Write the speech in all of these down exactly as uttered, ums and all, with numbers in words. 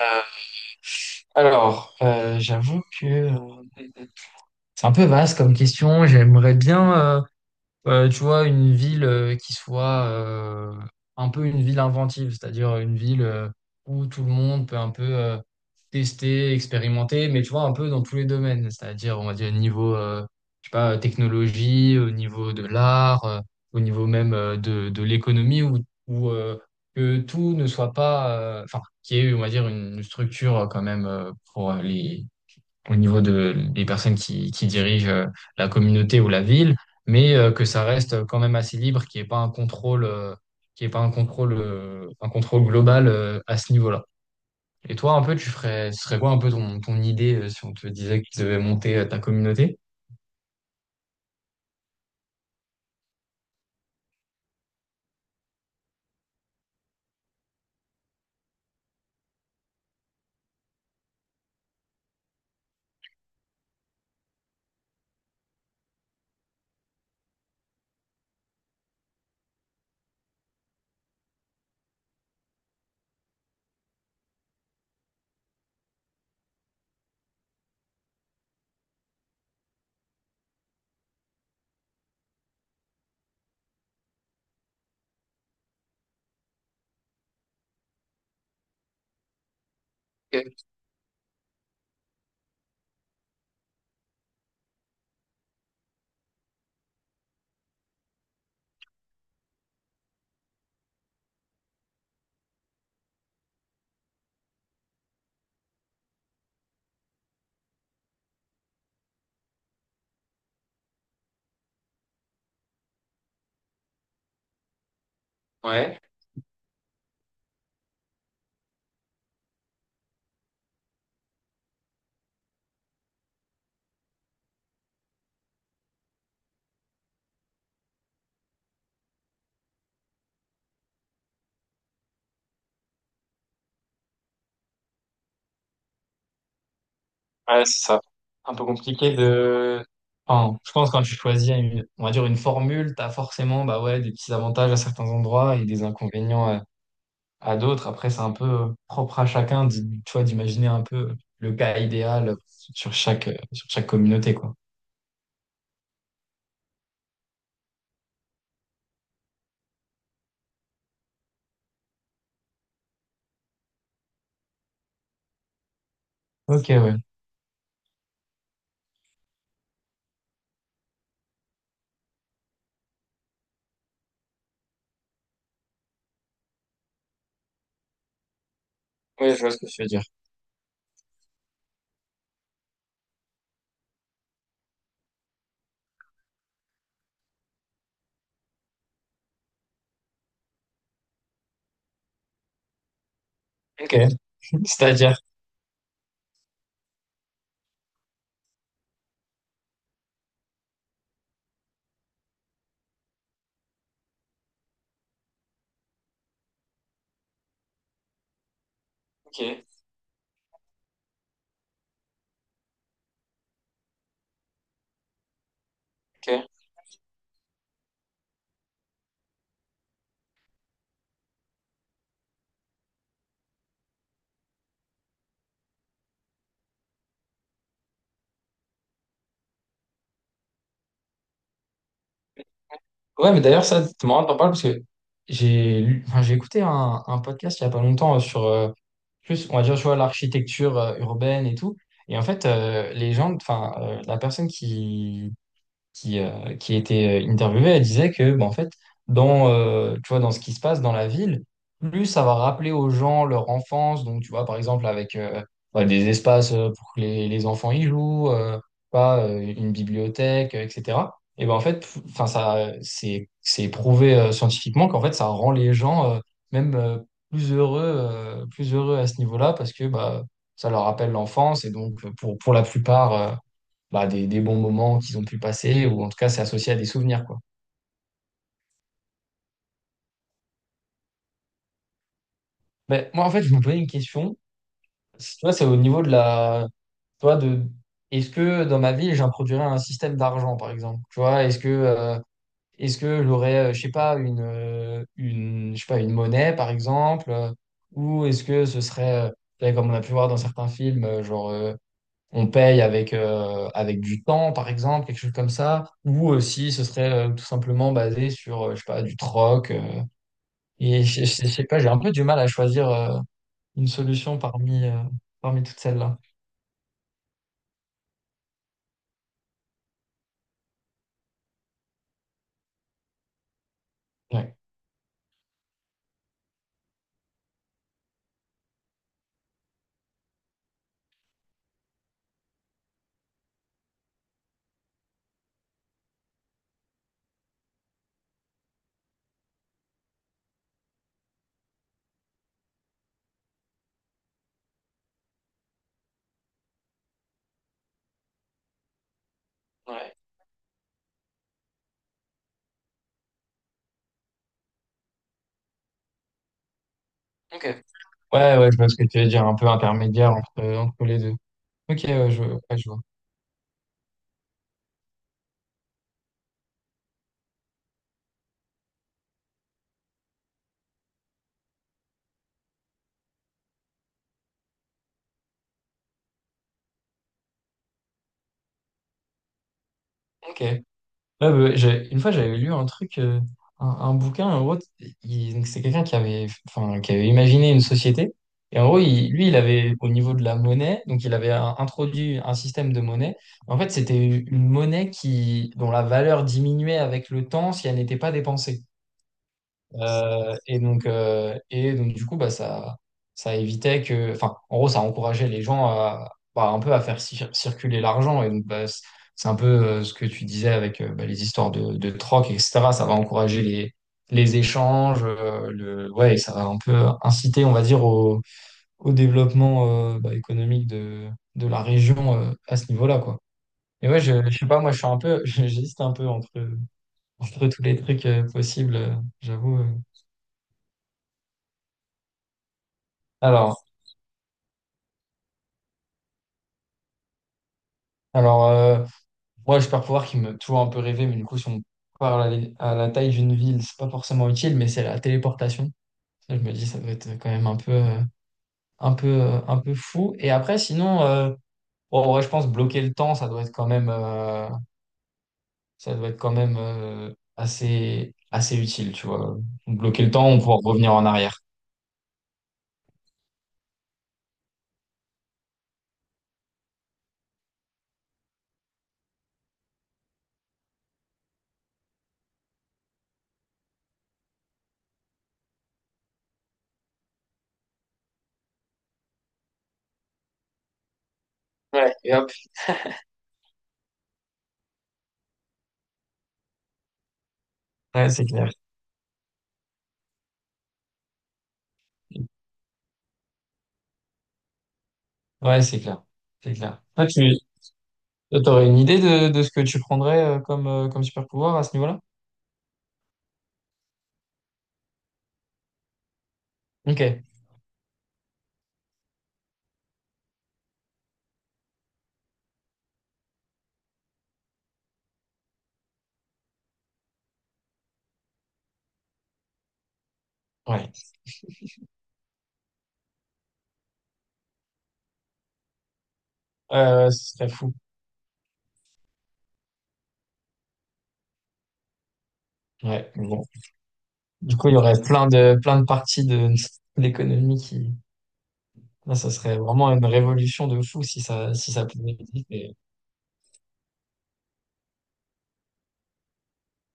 Euh, alors, euh, j'avoue que euh, c'est un peu vaste comme question. J'aimerais bien, euh, euh, tu vois, une ville euh, qui soit euh, un peu une ville inventive, c'est-à-dire une ville euh, où tout le monde peut un peu euh, tester, expérimenter, mais tu vois, un peu dans tous les domaines, c'est-à-dire, on va dire, niveau, euh, je sais pas, technologie, au niveau de l'art, euh, au niveau même euh, de, de l'économie, où, où euh, que tout ne soit pas, euh, enfin, qu'il y ait, on va dire, une structure euh, quand même euh, pour euh, les au niveau de, des personnes qui, qui dirigent euh, la communauté ou la ville, mais euh, que ça reste quand même assez libre, qu'il n'y ait pas un contrôle, euh, qu'il y ait pas un contrôle, euh, un contrôle global euh, à ce niveau-là. Et toi, un peu, tu ferais, ce serait quoi un peu ton, ton idée euh, si on te disait que tu devais monter euh, ta communauté? Ok. Ouais, ouais, c'est ça. Un peu compliqué de. Enfin, je pense que quand tu choisis une, on va dire une formule, tu as forcément bah ouais, des petits avantages à certains endroits et des inconvénients à d'autres. Après, c'est un peu euh, propre à chacun, d'i- tu vois, d'imaginer un peu le cas idéal sur chaque, euh, sur chaque communauté, quoi. Ok, ouais. Ouais, je vois ce que tu veux dire. Ok. C'est-à-dire. Ok, ok. Ouais, mais d'ailleurs, ça, c'est marrant de t'en parler parce que j'ai lu, enfin, j'ai écouté un, un podcast il y a pas longtemps euh, sur, euh, plus, on va dire, je vois l'architecture euh, urbaine et tout. Et en fait, euh, les gens, enfin, euh, la personne qui, qui, euh, qui était euh, interviewée, elle disait que, bah, en fait, dans, euh, tu vois, dans ce qui se passe dans la ville, plus ça va rappeler aux gens leur enfance. Donc, tu vois, par exemple, avec euh, bah, des espaces euh, pour que les, les enfants y jouent, euh, pas euh, une bibliothèque, euh, et cætera. Et ben en fait, enfin, ça, c'est, c'est prouvé euh, scientifiquement qu'en fait, ça rend les gens euh, même euh, plus heureux, euh, plus heureux à ce niveau-là parce que bah, ça leur rappelle l'enfance. Et donc, euh, pour, pour la plupart, euh, bah, des, des bons moments qu'ils ont pu passer, ou en tout cas, c'est associé à des souvenirs, quoi. Mais moi, en fait, je me posais une question. Si tu vois, c'est au niveau de la. Tu vois, de. Est-ce que dans ma vie, j'introduirais un système d'argent, par exemple? Tu vois, est-ce que. euh, Est-ce que j'aurais, euh, je sais pas, une, euh, une, je sais pas, une monnaie, par exemple, euh, ou est-ce que ce serait, euh, tu sais, comme on a pu voir dans certains films, euh, genre, euh, on paye avec, euh, avec du temps, par exemple, quelque chose comme ça, ou euh, si ce serait euh, tout simplement basé sur, euh, je sais pas, du troc, euh, et je, je- je sais pas, j'ai un peu du mal à choisir euh, une solution parmi, euh, parmi toutes celles-là. Ouais. Ouais. Ok. Ouais, ouais, je vois ce que tu veux dire, un peu intermédiaire entre, entre les deux. Ok, ouais, je, ouais, je vois. Ok. Ouais, bah, j'ai- une fois, j'avais lu un truc, euh, un, un bouquin, en gros, il- donc c'est quelqu'un qui avait, enfin, qui avait imaginé une société. Et en gros, il- lui, il avait, au niveau de la monnaie, donc il avait un- introduit un système de monnaie. En fait, c'était une monnaie qui, dont la valeur diminuait avec le temps si elle n'était pas dépensée. Euh, et donc, euh, et donc du coup, bah, ça, ça évitait que, enfin, en gros, ça encourageait les gens à, bah, un peu à faire cir- circuler l'argent. Et donc, bah, c- c'est un peu euh, ce que tu disais avec euh, bah, les histoires de, de troc, et cætera. Ça va encourager les, les échanges, euh, le, ouais, et ça va un peu inciter, on va dire, au, au développement euh, bah, économique de, de la région euh, à ce niveau-là, quoi. Et ouais, je, je sais pas, moi, je suis un peu, j'hésite un peu entre, entre tous les trucs euh, possibles, euh, j'avoue. euh. Alors, Alors, euh, moi, j'ai super pouvoir qui me toujours un peu rêver, mais du coup, si on parle à la à la taille d'une ville, c'est pas forcément utile, mais c'est la téléportation. Ça, je me dis, ça doit être quand même un peu, euh, un peu, euh, un peu fou. Et après, sinon, euh, bon, en vrai, je pense bloquer le temps, ça doit être quand même, euh, ça doit être quand même euh, assez, assez utile, tu vois. Bloquer le temps, on pourra revenir en arrière. Ouais, et hop. Ouais, c'est clair. Ouais, c'est clair. C'est clair. Toi, tu aurais une idée de, de ce que tu prendrais euh, comme, euh, comme super pouvoir à ce niveau-là? Ok. Ouais, euh, ce serait fou. Ouais, mais bon. Du coup, il y aurait plein de plein de parties de l'économie qui. Là, ça serait vraiment une révolution de fou si ça si ça pouvait exister.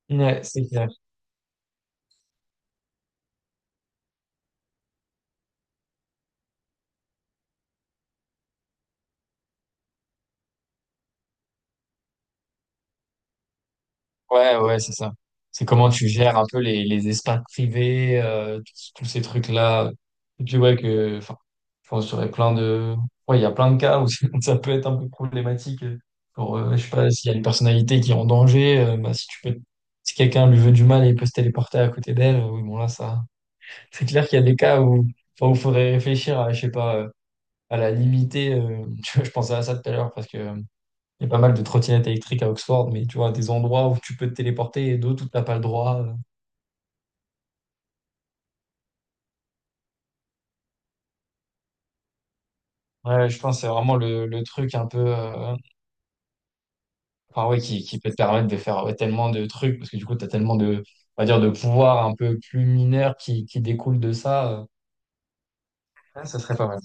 Ouais, c'est clair. Ouais, ouais, c'est ça. C'est comment tu gères un peu les, les espaces privés, euh, tous tous ces trucs-là. Et puis, ouais, que, enfin, je pense qu'il y aurait plein de, ouais, il y a plein de cas où ça peut être un peu problématique. Pour, euh, je sais pas, s'il y a une personnalité qui est en danger, euh, bah, si tu peux, si quelqu'un lui veut du mal et il peut se téléporter à côté d'elle, euh, oui, bon, là, ça, c'est clair qu'il y a des cas où, enfin, où faudrait réfléchir à, je sais pas, euh, à la limiter, euh, tu vois, je pensais à ça tout à l'heure parce que, il y a pas mal de trottinettes électriques à Oxford, mais tu vois, des endroits où tu peux te téléporter et d'autres où t'as pas le droit. euh. Ouais, je pense que c'est vraiment le, le truc un peu, euh, enfin ouais, qui, qui peut te permettre de faire ouais, tellement de trucs, parce que du coup, t'as tellement de, on va dire, de pouvoirs un peu plus mineurs qui, qui découlent de ça. euh. Ouais, ça serait pas mal.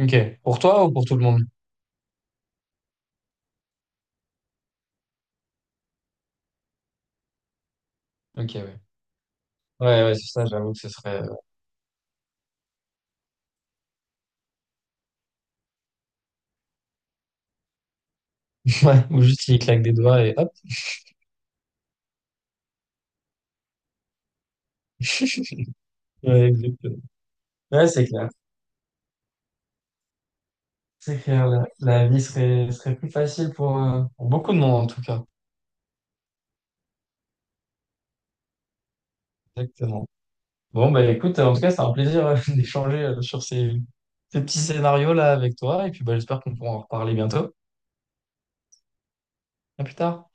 Ok. Pour toi ou pour tout le monde? Ok, ouais. Ouais, ouais, c'est ça, j'avoue que ce serait. euh, Ouais, ou juste il claque des doigts et hop. Ouais, exactement. Ouais, c'est clair. C'est clair, la, la vie serait, serait plus facile pour, euh, pour beaucoup de monde en tout cas. Exactement. Bon, bah écoute, en tout cas, c'est un plaisir euh, d'échanger euh, sur ces, ces petits scénarios-là avec toi. Et puis, bah, j'espère qu'on pourra en reparler bientôt. À plus tard.